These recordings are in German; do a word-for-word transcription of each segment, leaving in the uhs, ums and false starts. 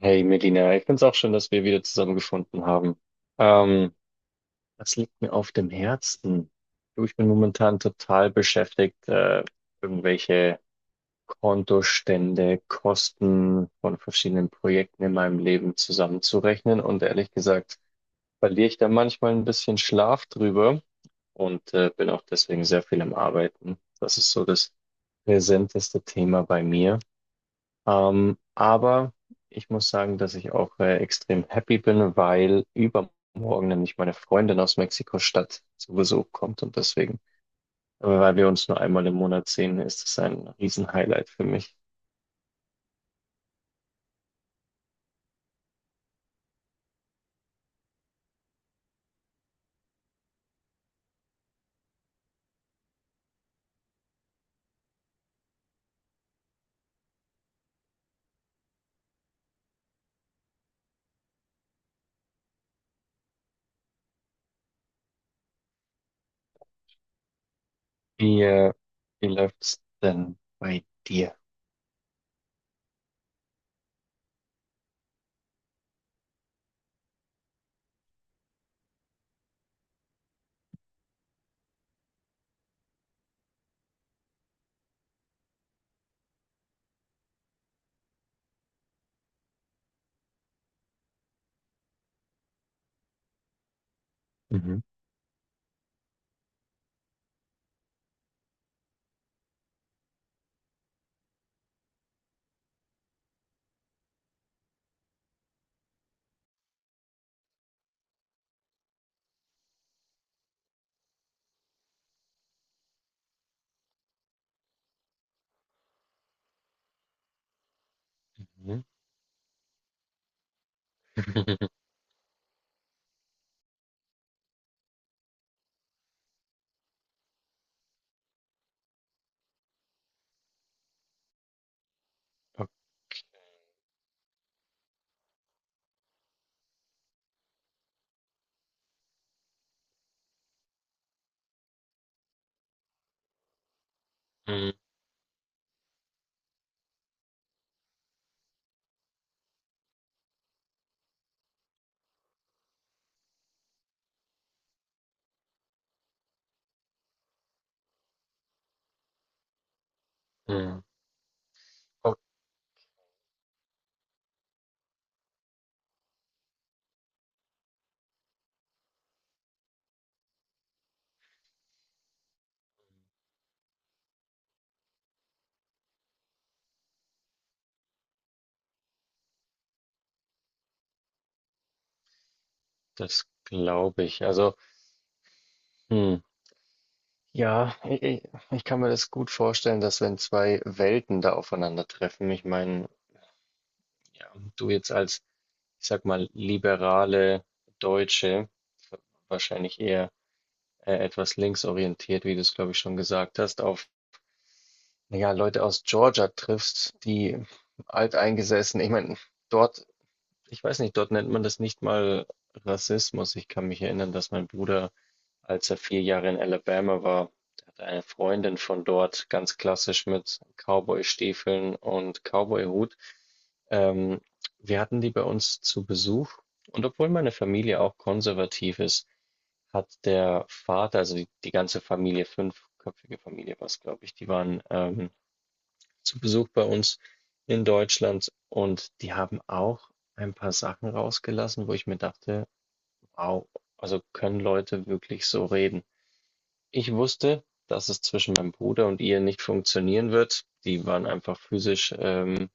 Hey Melina, ich finde es auch schön, dass wir wieder zusammengefunden haben. Ähm, Was liegt mir auf dem Herzen? Du, ich bin momentan total beschäftigt, äh, irgendwelche Kontostände, Kosten von verschiedenen Projekten in meinem Leben zusammenzurechnen. Und ehrlich gesagt, verliere ich da manchmal ein bisschen Schlaf drüber und äh, bin auch deswegen sehr viel am Arbeiten. Das ist so das präsenteste Thema bei mir. Ähm, aber ich muss sagen, dass ich auch äh, extrem happy bin, weil übermorgen nämlich meine Freundin aus Mexiko-Stadt zu Besuch kommt, und deswegen, äh, weil wir uns nur einmal im Monat sehen, ist es ein Riesenhighlight für mich. Wie, äh, wie läuft's denn bei dir? Mhm. Mhm. Oh. Mm. Mm. Oh, das glaube ich. Also, hm. Ja, ich, ich ich kann mir das gut vorstellen, dass wenn zwei Welten da aufeinandertreffen. Ich meine, ja, du jetzt als, ich sag mal, liberale Deutsche, wahrscheinlich eher äh, etwas linksorientiert, wie du es, glaube ich, schon gesagt hast, auf, ja, Leute aus Georgia triffst, die alteingesessen. Ich meine, dort, ich weiß nicht, dort nennt man das nicht mal Rassismus. Ich kann mich erinnern, dass mein Bruder, als er vier Jahre in Alabama war, der hatte eine Freundin von dort, ganz klassisch mit Cowboy-Stiefeln und Cowboy-Hut. Ähm, Wir hatten die bei uns zu Besuch, und obwohl meine Familie auch konservativ ist, hat der Vater, also die, die ganze Familie, fünfköpfige Familie war es, glaube ich, die waren ähm, zu Besuch bei uns in Deutschland, und die haben auch ein paar Sachen rausgelassen, wo ich mir dachte, wow, also können Leute wirklich so reden? Ich wusste, dass es zwischen meinem Bruder und ihr nicht funktionieren wird. Die waren einfach physisch, ähm,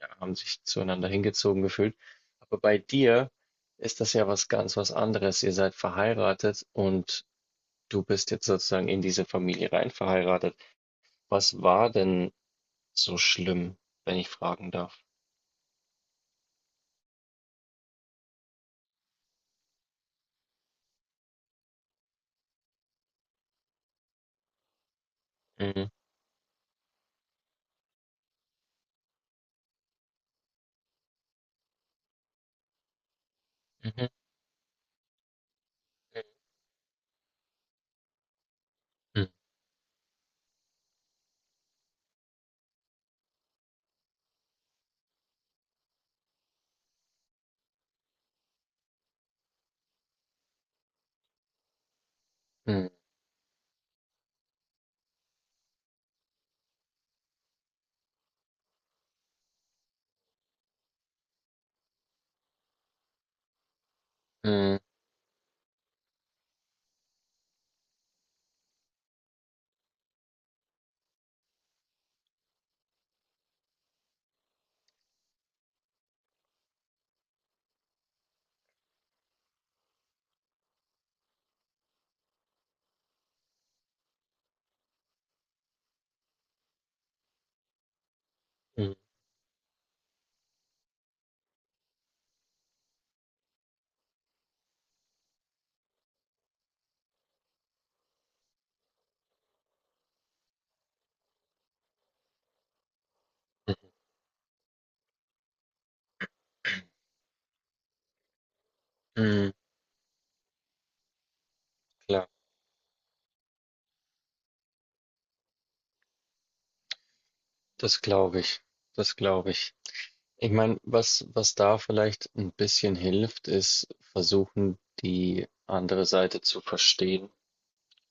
ja, haben sich zueinander hingezogen gefühlt. Aber bei dir ist das ja was ganz was anderes. Ihr seid verheiratet, und du bist jetzt sozusagen in diese Familie rein verheiratet. Was war denn so schlimm, wenn ich fragen darf? Mhm. Mhm. Mhm. Mhm. Mhm. Mhm. Mhm. Klar, das glaube ich. Das glaube ich. Ich meine, was, was da vielleicht ein bisschen hilft, ist versuchen, die andere Seite zu verstehen.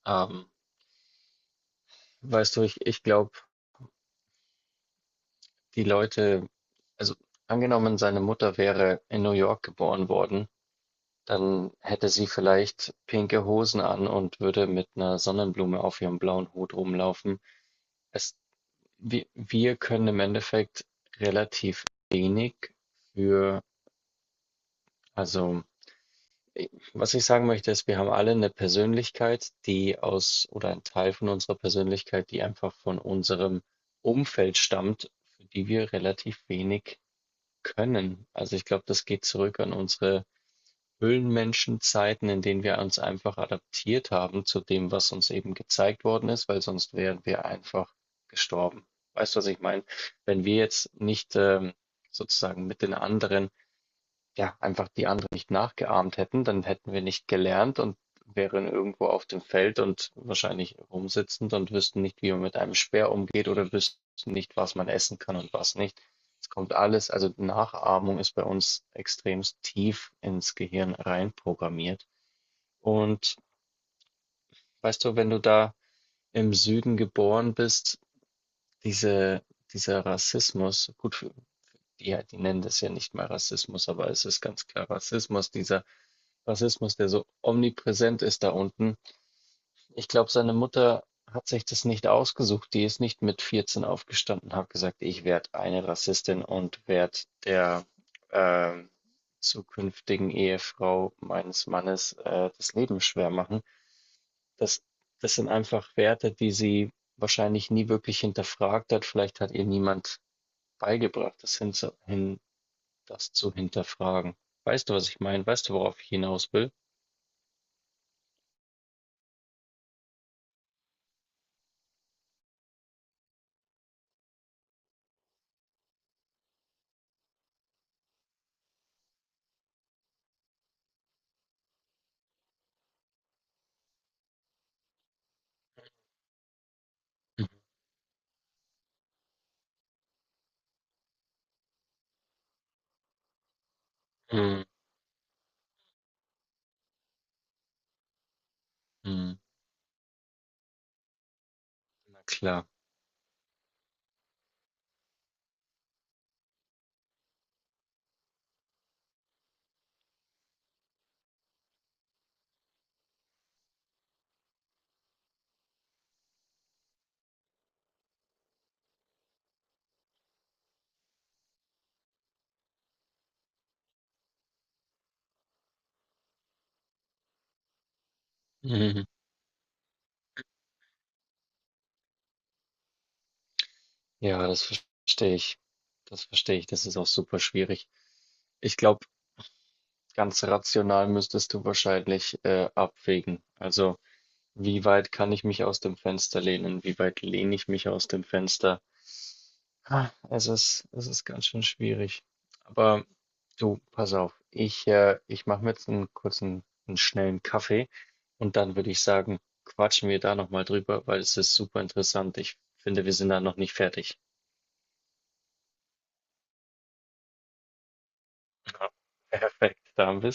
Ähm, Weißt du, ich, ich glaube, die Leute, also angenommen, seine Mutter wäre in New York geboren worden, dann hätte sie vielleicht pinke Hosen an und würde mit einer Sonnenblume auf ihrem blauen Hut rumlaufen. Es Wir, wir können im Endeffekt relativ wenig für, also i- was ich sagen möchte, ist, wir haben alle eine Persönlichkeit, die aus, oder ein Teil von unserer Persönlichkeit, die einfach von unserem Umfeld stammt, für die wir relativ wenig können. Also ich glaube, das geht zurück an unsere Höhlenmenschen Zeiten, in denen wir uns einfach adaptiert haben zu dem, was uns eben gezeigt worden ist, weil sonst wären wir einfach gestorben. Weißt du, was ich meine? Wenn wir jetzt nicht ähm, sozusagen mit den anderen, ja, einfach die anderen nicht nachgeahmt hätten, dann hätten wir nicht gelernt und wären irgendwo auf dem Feld und wahrscheinlich rumsitzend und wüssten nicht, wie man mit einem Speer umgeht, oder wüssten nicht, was man essen kann und was nicht. Es kommt alles, also Nachahmung ist bei uns extremst tief ins Gehirn reinprogrammiert. Und weißt du, wenn du da im Süden geboren bist, diese, dieser Rassismus, gut, ja, die nennen das ja nicht mal Rassismus, aber es ist ganz klar Rassismus, dieser Rassismus, der so omnipräsent ist da unten. Ich glaube, seine Mutter hat sich das nicht ausgesucht. Die ist nicht mit vierzehn aufgestanden, hat gesagt, ich werde eine Rassistin und werde der ähm, zukünftigen Ehefrau meines Mannes äh, das Leben schwer machen. Das, das sind einfach Werte, die sie wahrscheinlich nie wirklich hinterfragt hat. Vielleicht hat ihr niemand beigebracht, das, hin, hin, das zu hinterfragen. Weißt du, was ich meine? Weißt du, worauf ich hinaus will? Mhm. Mhm. Na klar. Mhm. Ja, das verstehe ich. Das verstehe ich. Das ist auch super schwierig. Ich glaube, ganz rational müsstest du wahrscheinlich äh, abwägen. Also, wie weit kann ich mich aus dem Fenster lehnen? Wie weit lehne ich mich aus dem Fenster? Ah, es ist, es ist ganz schön schwierig. Aber du, pass auf. Ich, äh, ich mache mir jetzt einen kurzen, einen schnellen Kaffee, und dann würde ich sagen, quatschen wir da nochmal drüber, weil es ist super interessant. Ich finde, wir sind da noch nicht fertig. Ja, perfekt, da bist